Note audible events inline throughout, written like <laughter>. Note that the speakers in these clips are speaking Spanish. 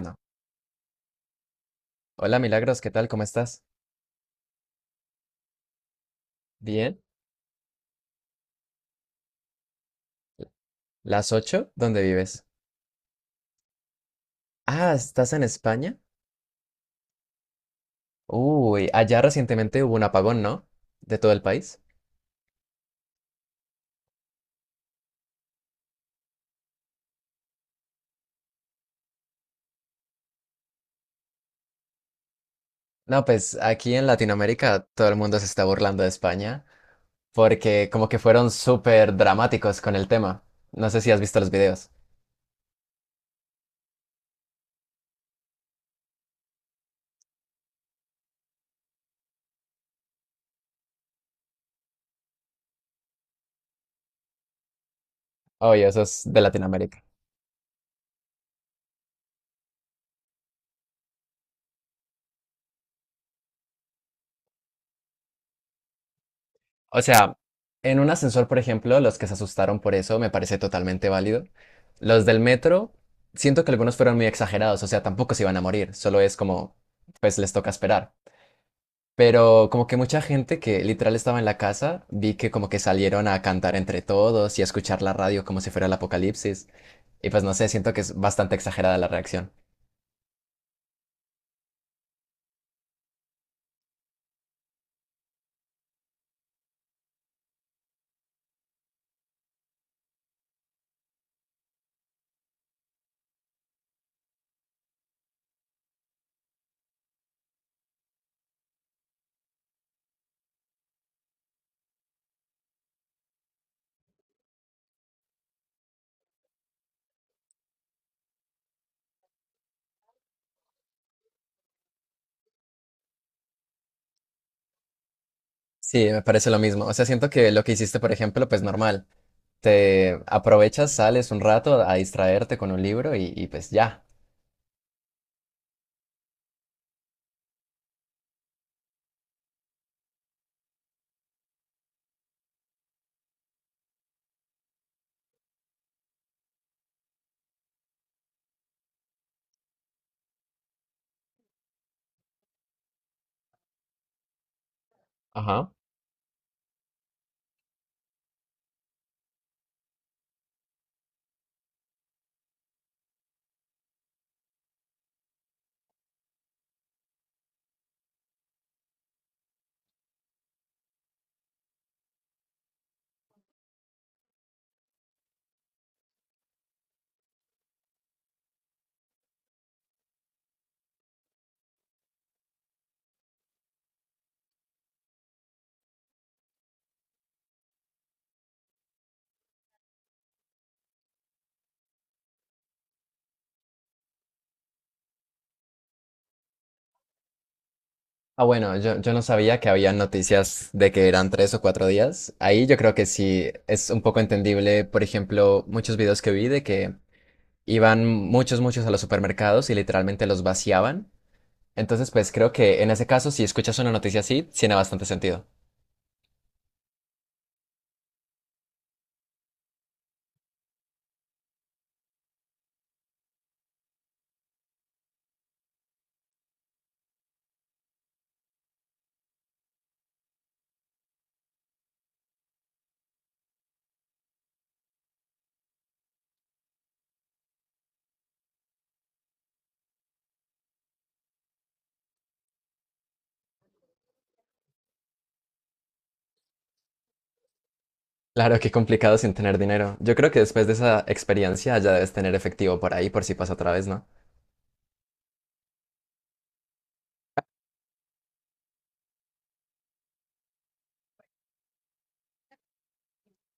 No. Hola Milagros, ¿qué tal? ¿Cómo estás? Bien. ¿Las 8. ¿Dónde vives? Ah, ¿estás en España? Uy, allá recientemente hubo un apagón, ¿no? De todo el país. No, pues aquí en Latinoamérica todo el mundo se está burlando de España porque como que fueron súper dramáticos con el tema. No sé si has visto los videos. Oye, eso es de Latinoamérica. O sea, en un ascensor, por ejemplo, los que se asustaron por eso me parece totalmente válido. Los del metro, siento que algunos fueron muy exagerados, o sea, tampoco se iban a morir, solo es como, pues les toca esperar. Pero como que mucha gente que literal estaba en la casa, vi que como que salieron a cantar entre todos y a escuchar la radio como si fuera el apocalipsis. Y pues no sé, siento que es bastante exagerada la reacción. Sí, me parece lo mismo. O sea, siento que lo que hiciste, por ejemplo, pues normal. Te aprovechas, sales un rato a distraerte con un libro y pues ya. Ajá. Ah, bueno, yo no sabía que había noticias de que eran tres o cuatro días. Ahí yo creo que sí es un poco entendible, por ejemplo, muchos videos que vi de que iban muchos a los supermercados y literalmente los vaciaban. Entonces, pues creo que en ese caso, si escuchas una noticia así, tiene bastante sentido. Claro, qué complicado sin tener dinero. Yo creo que después de esa experiencia ya debes tener efectivo por ahí por si pasa otra vez, ¿no?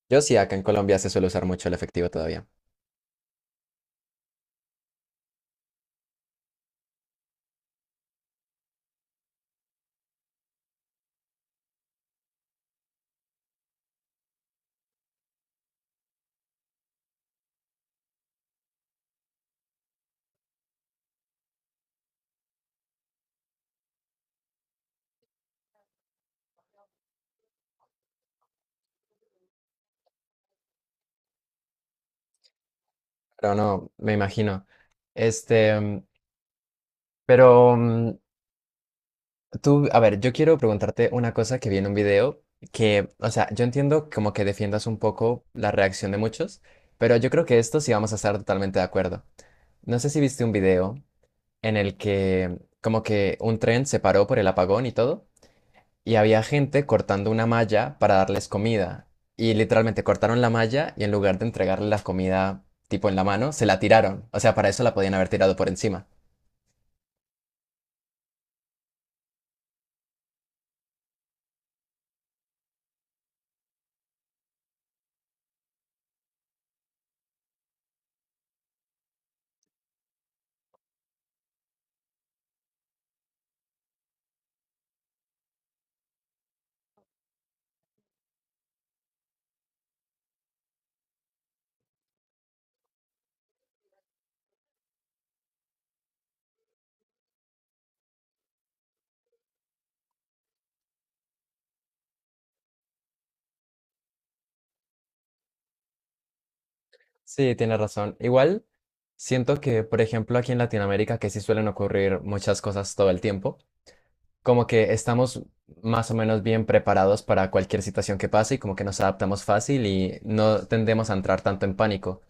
Yo sí, acá en Colombia se suele usar mucho el efectivo todavía. Pero no, me imagino. Este, mm, pero mm, a ver, yo quiero preguntarte una cosa que vi en un video que, o sea, yo entiendo como que defiendas un poco la reacción de muchos, pero yo creo que esto sí vamos a estar totalmente de acuerdo. No sé si viste un video en el que como que un tren se paró por el apagón y todo. Y había gente cortando una malla para darles comida. Y literalmente cortaron la malla y en lugar de entregarle la comida tipo en la mano, se la tiraron. O sea, para eso la podían haber tirado por encima. Sí, tiene razón. Igual, siento que, por ejemplo, aquí en Latinoamérica, que sí suelen ocurrir muchas cosas todo el tiempo, como que estamos más o menos bien preparados para cualquier situación que pase y como que nos adaptamos fácil y no tendemos a entrar tanto en pánico.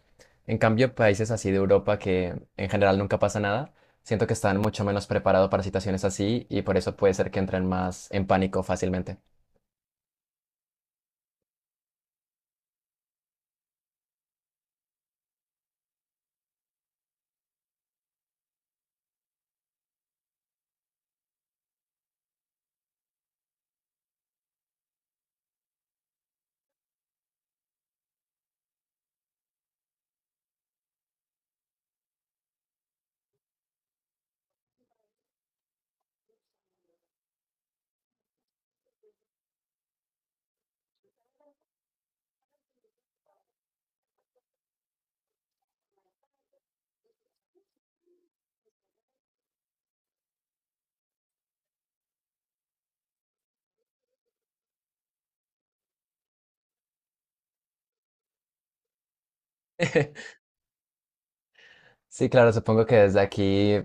En cambio, países así de Europa que en general nunca pasa nada, siento que están mucho menos preparados para situaciones así y por eso puede ser que entren más en pánico fácilmente. <laughs> Sí, claro, supongo que desde aquí,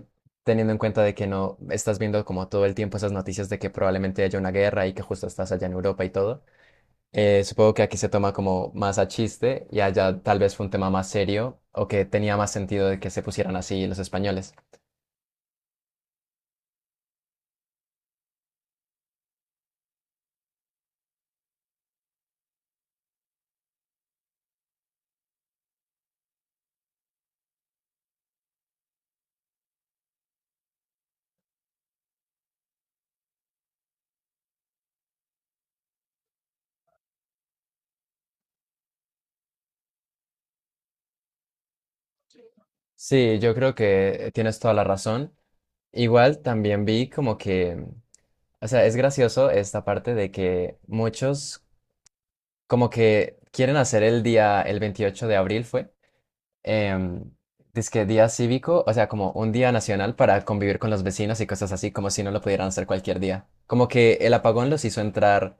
teniendo en cuenta de que no estás viendo como todo el tiempo esas noticias de que probablemente haya una guerra y que justo estás allá en Europa y todo, supongo que aquí se toma como más a chiste y allá tal vez fue un tema más serio o que tenía más sentido de que se pusieran así los españoles. Sí, yo creo que tienes toda la razón. Igual también vi como que, o sea, es gracioso esta parte de que muchos como que quieren hacer el día, el 28 de abril fue em, dizque día cívico, o sea, como un día nacional para convivir con los vecinos y cosas así, como si no lo pudieran hacer cualquier día. Como que el apagón los hizo entrar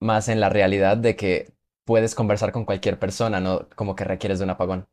más en la realidad de que puedes conversar con cualquier persona, no como que requieres de un apagón.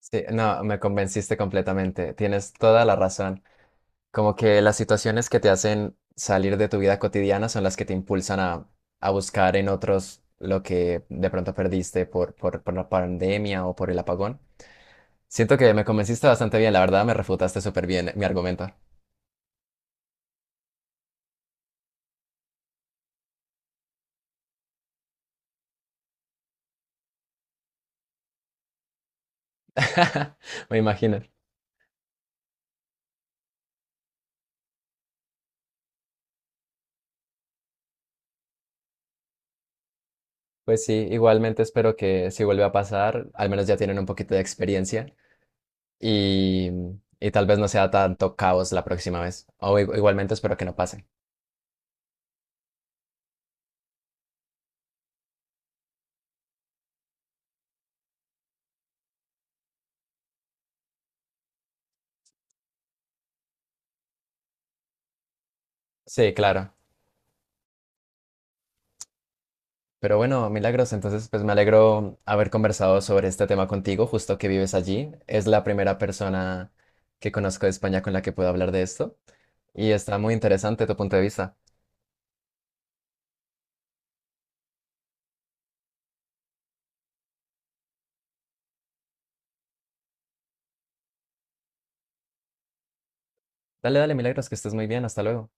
Sí, no, me convenciste completamente, tienes toda la razón. Como que las situaciones que te hacen salir de tu vida cotidiana son las que te impulsan a buscar en otros lo que de pronto perdiste por la pandemia o por el apagón. Siento que me convenciste bastante bien, la verdad me refutaste súper bien mi argumento. <laughs> Me imagino. Pues sí, igualmente espero que si vuelve a pasar, al menos ya tienen un poquito de experiencia y, y tal vez no sea tanto caos la próxima vez. O igualmente espero que no pase. Sí, claro. Pero bueno, Milagros, entonces pues me alegro haber conversado sobre este tema contigo, justo que vives allí. Es la primera persona que conozco de España con la que puedo hablar de esto y está muy interesante tu punto de vista. Dale, dale, Milagros, que estés muy bien. Hasta luego.